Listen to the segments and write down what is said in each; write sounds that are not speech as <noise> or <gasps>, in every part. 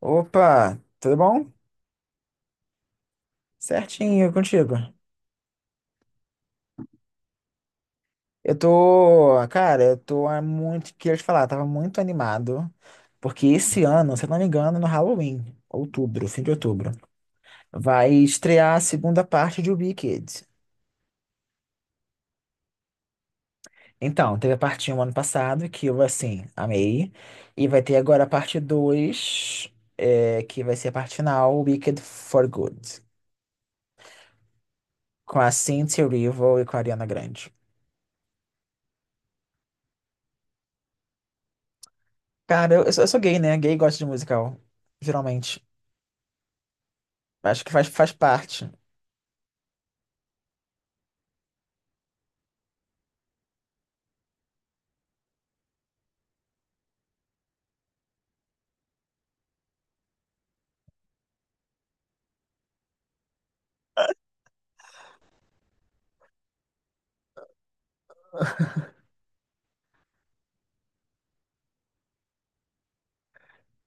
Opa, tudo bom? Certinho, e contigo. Eu tô, cara, eu tô há muito, queria te falar, tava muito animado, porque esse ano, se eu não me engano, no Halloween, outubro, fim de outubro, vai estrear a segunda parte de Wicked. Então, teve a parte um ano passado, que eu, assim, amei, e vai ter agora a parte 2 que vai ser a parte final, Wicked for Good, com a Cynthia Erivo e com a Ariana Grande. Cara, eu sou gay, né? Gay gosta de musical, geralmente. Acho que faz parte.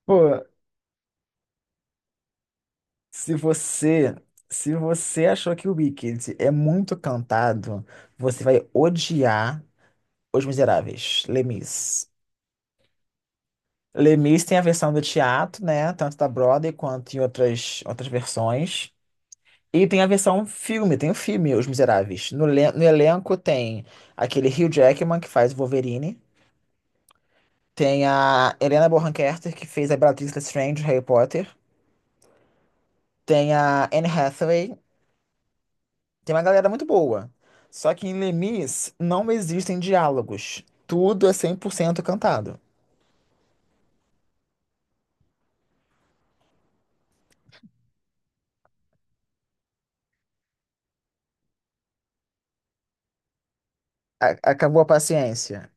Pô, se você, se você achou que o Wicked é muito cantado, você vai odiar Os Miseráveis, Les Mis. Les Mis tem a versão do teatro, né? Tanto da Broadway quanto em outras versões. E tem a versão filme, tem o filme Os Miseráveis. No elenco tem aquele Hugh Jackman, que faz o Wolverine. Tem a Helena Bonham Carter, que fez a Bellatrix Lestrange, Harry Potter. Tem a Anne Hathaway, tem uma galera muito boa. Só que em Lemis não existem diálogos. Tudo é 100% cantado. Acabou a paciência.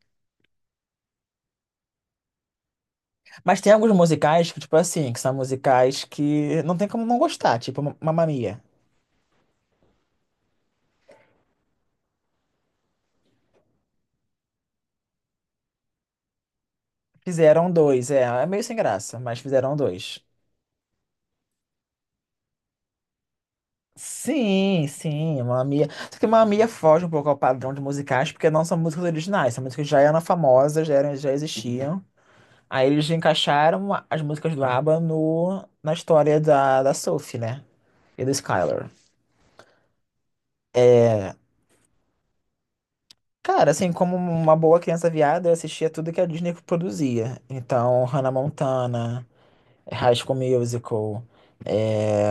Mas tem alguns musicais que, tipo assim, que são musicais que não tem como não gostar, tipo Mamma Mia. Fizeram dois, é meio sem graça, mas fizeram dois. Sim, sim, Mamma Mia. Só que Mamma Mia foge um pouco ao padrão de musicais, porque não são músicas originais, são músicas que já eram famosas, já existiam. Aí eles encaixaram as músicas do ABBA no, na história da Sophie, né? E do Skylar. Cara, assim, como uma boa criança viada, eu assistia tudo que a Disney produzia. Então, Hannah Montana, High School Musical, é,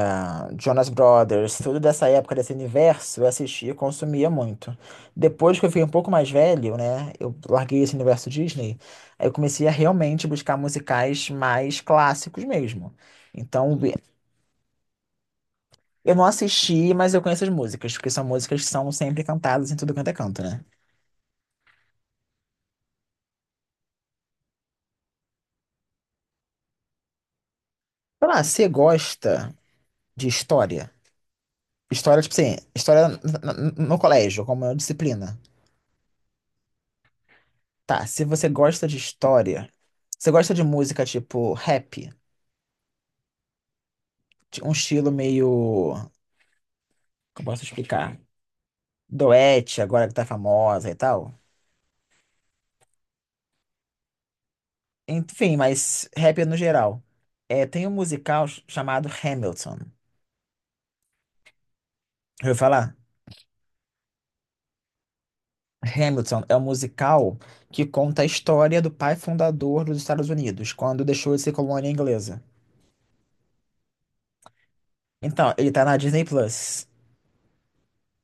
Jonas Brothers, tudo dessa época, desse universo, eu assistia e consumia muito. Depois que eu fiquei um pouco mais velho, né? Eu larguei esse universo Disney, aí eu comecei a realmente buscar musicais mais clássicos mesmo. Então, eu não assisti, mas eu conheço as músicas, porque são músicas que são sempre cantadas em tudo quanto é canto, né? Sei lá, você gosta de história? História, tipo assim, história no colégio, como uma disciplina. Tá, se você gosta de história, você gosta de música tipo rap, de um estilo meio. Como eu posso explicar? Doete, agora que tá famosa e tal. Enfim, mas rap no geral. É, tem um musical chamado Hamilton. Já ouviu falar? Hamilton é um musical que conta a história do pai fundador dos Estados Unidos, quando deixou de ser colônia inglesa. Então, ele tá na Disney Plus.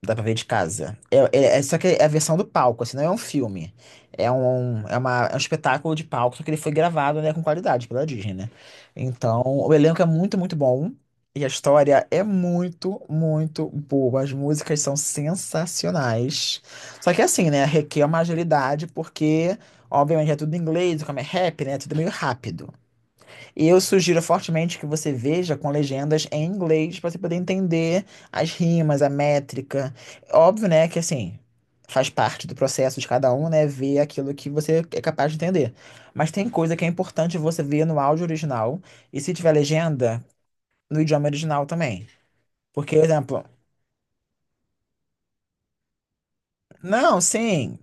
Dá pra ver de casa. Só que é a versão do palco, assim, não é um filme. É um espetáculo de palco, só que ele foi gravado, né, com qualidade pela Disney, né? Então, o elenco é muito, muito bom. E a história é muito, muito boa. As músicas são sensacionais. Só que é assim, né, requer uma agilidade, porque, obviamente, é tudo em inglês, como é rap, né? É tudo meio rápido. E eu sugiro fortemente que você veja com legendas em inglês para você poder entender as rimas, a métrica. Óbvio, né, que assim, faz parte do processo de cada um, né, ver aquilo que você é capaz de entender. Mas tem coisa que é importante você ver no áudio original e se tiver legenda, no idioma original também. Porque, exemplo, não, sim,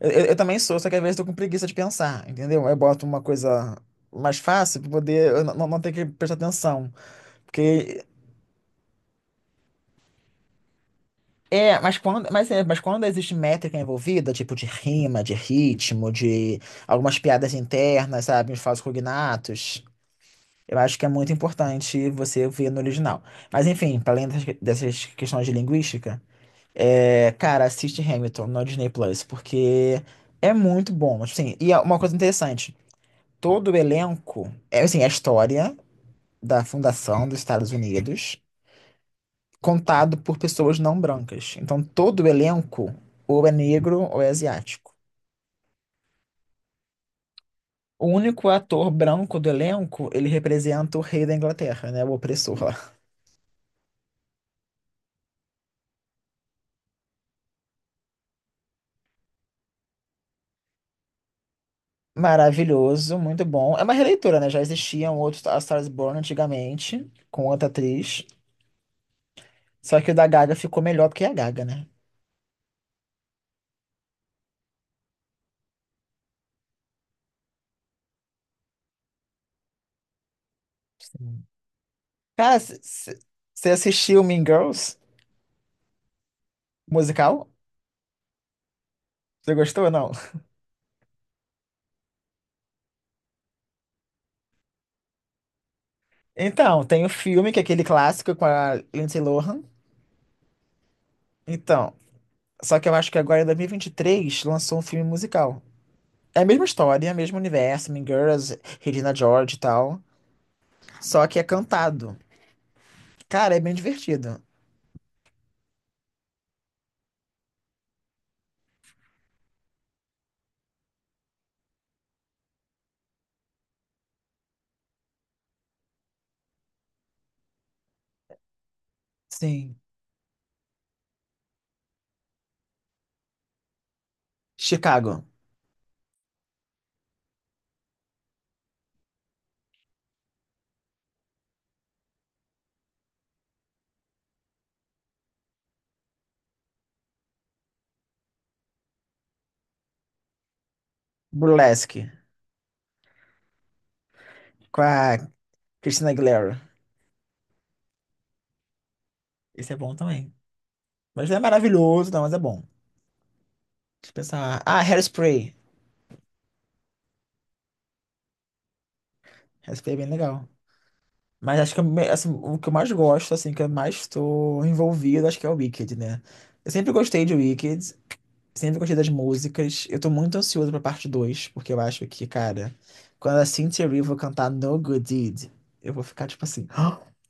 eu também sou, só que às vezes eu tô com preguiça de pensar, entendeu? Eu boto uma coisa mais fácil para poder eu não ter que prestar atenção. Porque é, mas quando existe métrica envolvida, tipo de rima, de ritmo, de algumas piadas internas, sabe, uns falsos cognatos, eu acho que é muito importante você ver no original. Mas enfim, para além dessas questões de linguística, é, cara, assiste Hamilton no Disney Plus, porque é muito bom. Assim, e é uma coisa interessante, todo o elenco, é assim, a história da fundação dos Estados Unidos contado por pessoas não brancas. Então, todo o elenco ou é negro ou é asiático. O único ator branco do elenco, ele representa o rei da Inglaterra, né? O opressor lá. Maravilhoso, muito bom. É uma releitura, né? Já existia um outro A Star is Born antigamente, com outra atriz. Só que o da Gaga ficou melhor porque é a Gaga, né? Sim. Cara, você assistiu Mean Girls, musical? Você gostou ou não? Então, tem o filme, que é aquele clássico com a Lindsay Lohan. Então, só que eu acho que agora em 2023 lançou um filme musical. É a mesma história, é o mesmo universo, Mean Girls, Regina George e tal. Só que é cantado. Cara, é bem divertido. Sim. Chicago, Burlesque, com a Christina Aguilera. Esse é bom também. Mas não é maravilhoso, não, mas é bom. Deixa eu pensar. Ah, Hairspray. Hairspray é bem legal. Mas acho que eu assim, o que eu mais gosto, assim, que eu mais estou envolvido, acho que é o Wicked, né? Eu sempre gostei de Wicked. Sempre gostei das músicas. Eu tô muito ansioso pra parte 2, porque eu acho que, cara, quando a Cynthia Erivo cantar No Good Deed, eu vou ficar tipo assim. <gasps>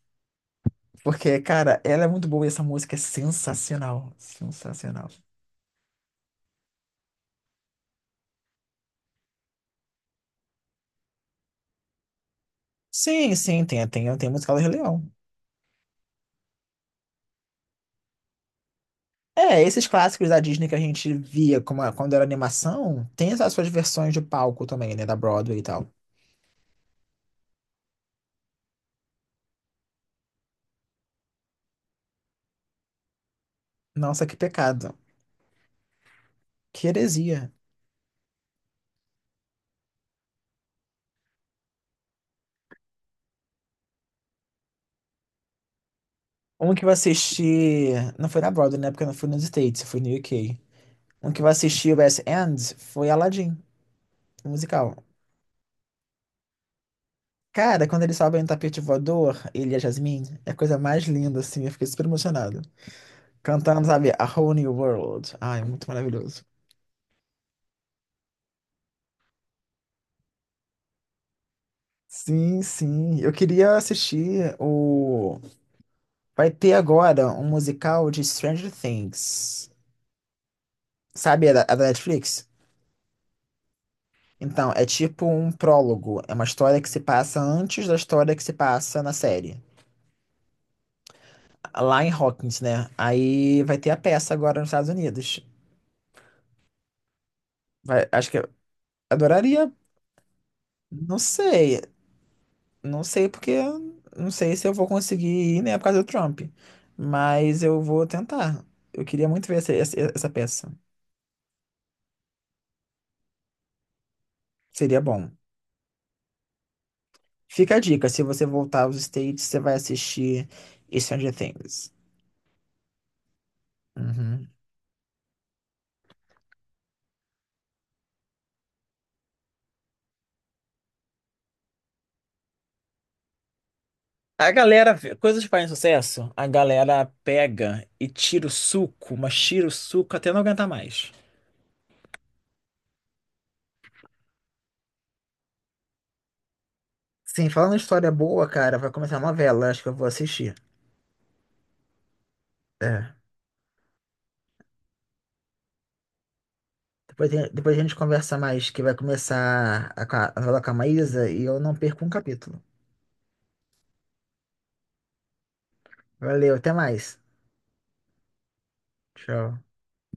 Porque, cara, ela é muito boa e essa música é sensacional. Sensacional. Sim, sim, tem musical do Rei Leão. É, esses clássicos da Disney que a gente via como, quando era animação, tem essas suas versões de palco também, né? Da Broadway e tal. Nossa, que pecado. Que heresia. Um que eu assisti. Não foi na Broadway, né? Porque eu não fui nos States, eu fui no UK. Um que eu assisti, o West End, foi Aladdin, o musical. Cara, quando eles sobem no tapete voador, ele e a Jasmine, é a coisa mais linda, assim. Eu fiquei super emocionado. Cantando, sabe, A Whole New World. Ai, muito maravilhoso. Sim, sim. Eu queria assistir o. Vai ter agora um musical de Stranger Things. Sabe, a da Netflix? Então, é tipo um prólogo. É uma história que se passa antes da história que se passa na série. Lá em Hawkins, né? Aí vai ter a peça agora nos Estados Unidos. Acho que eu adoraria. Não sei. Não sei porque não sei se eu vou conseguir ir, né, por causa do Trump. Mas eu vou tentar. Eu queria muito ver essa peça. Seria bom. Fica a dica, se você voltar aos States, você vai assistir Stranger Things. Uhum. A galera, coisas que fazem sucesso, a galera pega e tira o suco, mas tira o suco até não aguentar mais. Sim, falando em história boa, cara, vai começar a novela, acho que eu vou assistir. É. Depois, depois a gente conversa mais, que vai começar a, a novela com a Maísa e eu não perco um capítulo. Valeu, até mais. Tchau.